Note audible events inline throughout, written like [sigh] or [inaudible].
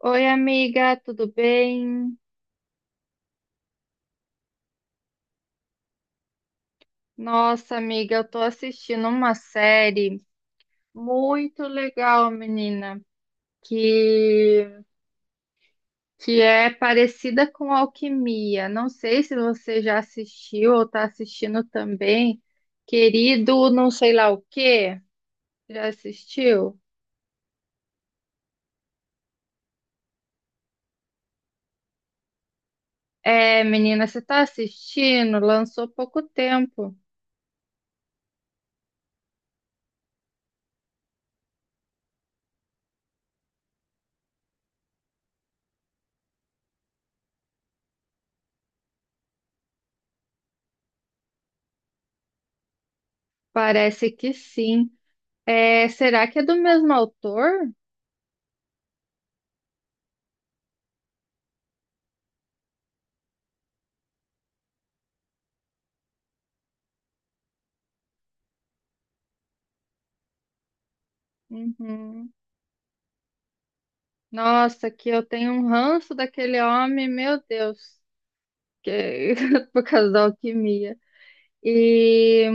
Oi, amiga, tudo bem? Nossa, amiga, eu tô assistindo uma série muito legal, menina, que é parecida com Alquimia. Não sei se você já assistiu ou tá assistindo também. Querido, não sei lá o quê. Já assistiu? É, menina, você tá assistindo? Lançou pouco tempo. Parece que sim. É, será que é do mesmo autor? Uhum. Nossa, que eu tenho um ranço daquele homem, meu Deus, que [laughs] por causa da alquimia. E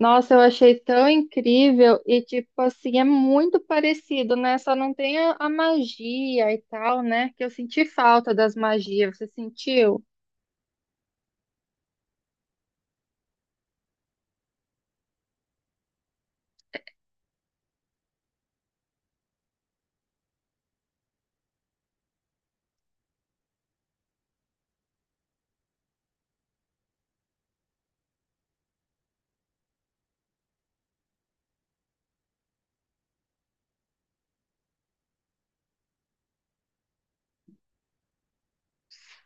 nossa, eu achei tão incrível e tipo assim, é muito parecido, né? Só não tem a magia e tal, né? Que eu senti falta das magias, você sentiu?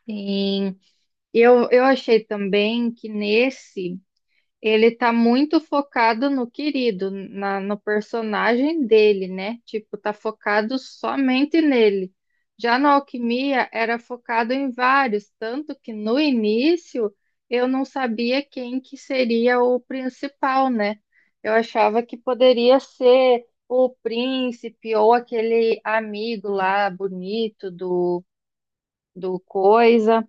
Sim. Eu achei também que nesse ele tá muito focado no querido, no personagem dele, né? Tipo, tá focado somente nele. Já na Alquimia era focado em vários, tanto que no início eu não sabia quem que seria o principal, né? Eu achava que poderia ser o príncipe ou aquele amigo lá bonito do coisa.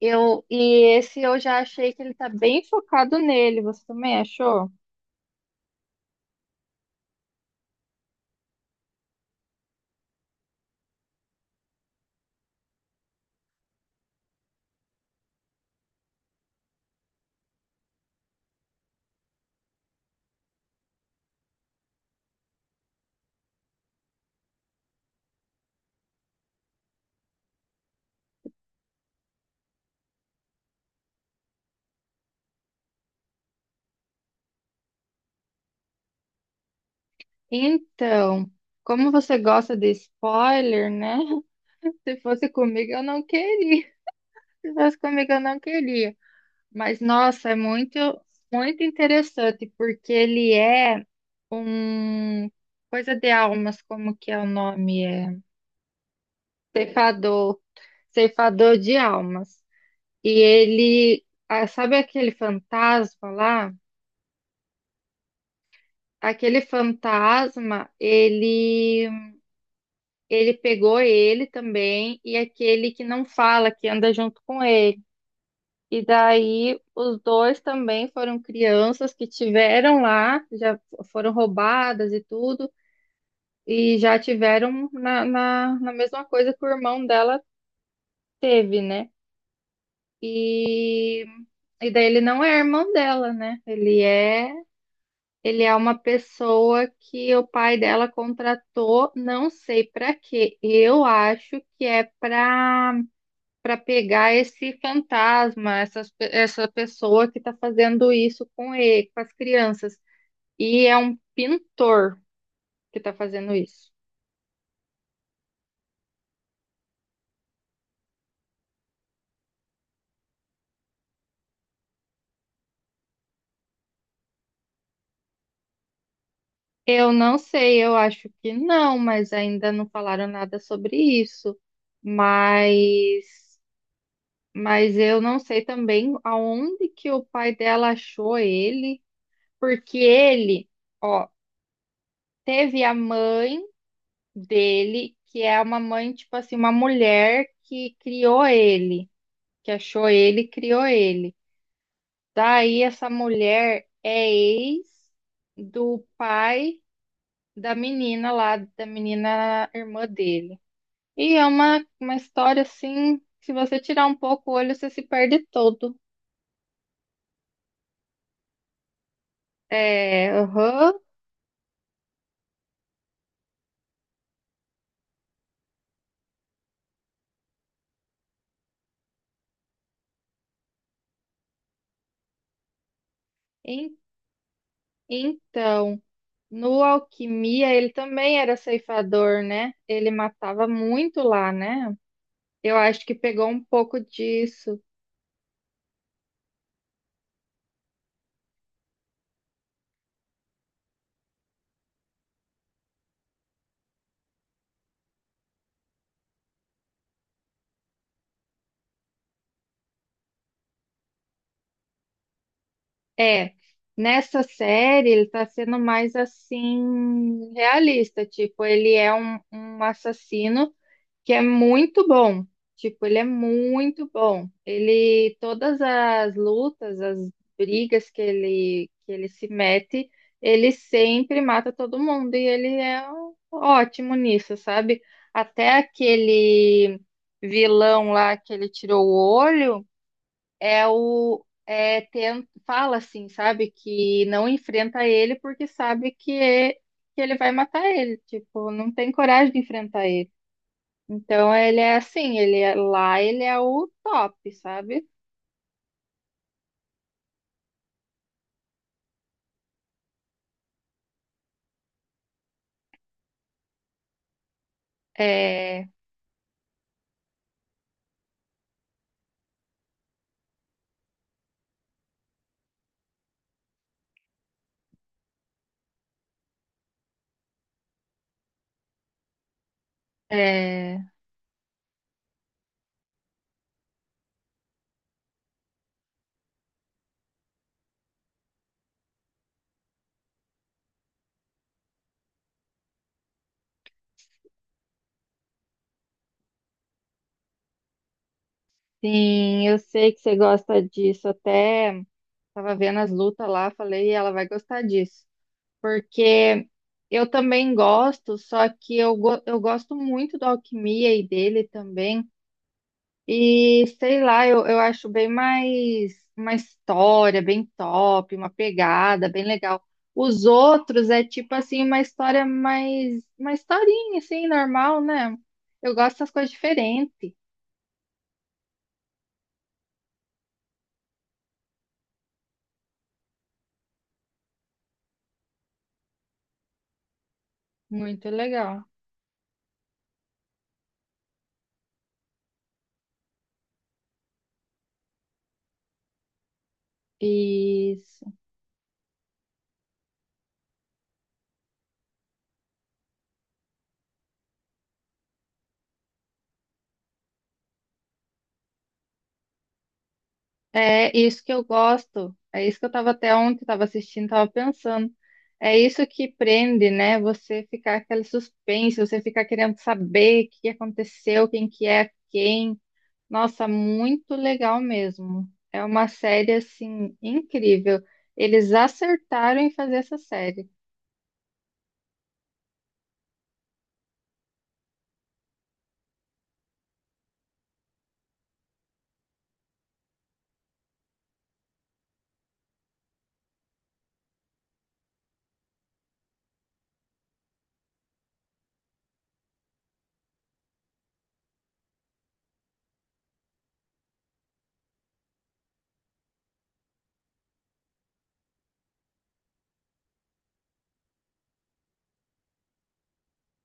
E esse eu já achei que ele tá bem focado nele. Você também achou? Então, como você gosta de spoiler, né? [laughs] Se fosse comigo, eu não queria. Se fosse comigo, eu não queria. Mas, nossa, é muito interessante, porque ele é um coisa de almas, como que é o nome? É ceifador, ceifador de almas. E ele, ah, sabe aquele fantasma lá? Aquele fantasma, ele pegou ele também e aquele que não fala, que anda junto com ele. E daí os dois também foram crianças que tiveram lá, já foram roubadas e tudo, e já tiveram na mesma coisa que o irmão dela teve, né? E, e daí ele não é irmão dela, né? Ele é uma pessoa que o pai dela contratou, não sei para quê. Eu acho que é para pegar esse fantasma, essa pessoa que está fazendo isso com ele, com as crianças. E é um pintor que está fazendo isso. Eu não sei, eu acho que não, mas ainda não falaram nada sobre isso. Mas, mas eu não sei também aonde que o pai dela achou ele, porque ele, ó, teve a mãe dele, que é uma mãe, tipo assim, uma mulher que criou ele, que achou ele, e criou ele. Daí essa mulher é ex do pai da menina lá, da menina irmã dele. E é uma história assim, se você tirar um pouco o olho, você se perde todo. É, aham. En- Então, no Alquimia, ele também era ceifador, né? Ele matava muito lá, né? Eu acho que pegou um pouco disso. É, nessa série ele tá sendo mais assim realista, tipo, ele é um, um assassino que é muito bom, tipo, ele é muito bom. Ele, todas as lutas, as brigas que ele, se mete, ele sempre mata todo mundo e ele é ótimo nisso, sabe? Até aquele vilão lá que ele tirou o olho é fala assim, sabe, que não enfrenta ele porque sabe que ele vai matar ele, tipo, não tem coragem de enfrentar ele. Então ele é assim, ele é, lá ele é o top, sabe? É, é, sim, eu sei que você gosta disso. Até tava vendo as lutas lá, falei, ela vai gostar disso. Porque eu também gosto, só que eu gosto muito da alquimia e dele também. E sei lá, eu acho bem mais uma história bem top, uma pegada bem legal. Os outros é tipo assim, uma história mais, uma historinha assim, normal, né? Eu gosto das coisas diferentes. Muito legal. Isso. É isso que eu gosto. É isso que eu tava até ontem, tava assistindo, tava pensando. É isso que prende, né? Você ficar aquele suspense, você ficar querendo saber o que aconteceu, quem que é quem. Nossa, muito legal mesmo. É uma série assim incrível. Eles acertaram em fazer essa série.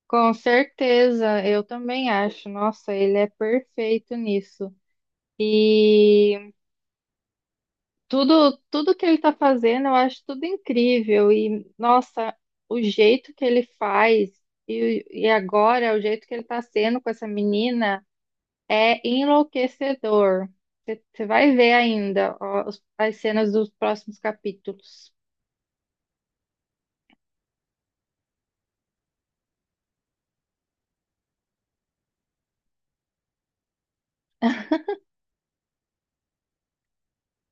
Com certeza, eu também acho. Nossa, ele é perfeito nisso. E tudo que ele tá fazendo, eu acho tudo incrível. E nossa, o jeito que ele faz e agora o jeito que ele tá sendo com essa menina. É enlouquecedor. Você vai ver ainda ó, as cenas dos próximos capítulos.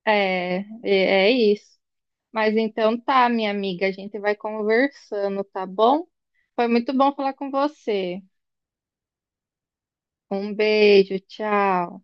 É, é é isso. Mas então tá, minha amiga, a gente vai conversando, tá bom? Foi muito bom falar com você. Um beijo, tchau.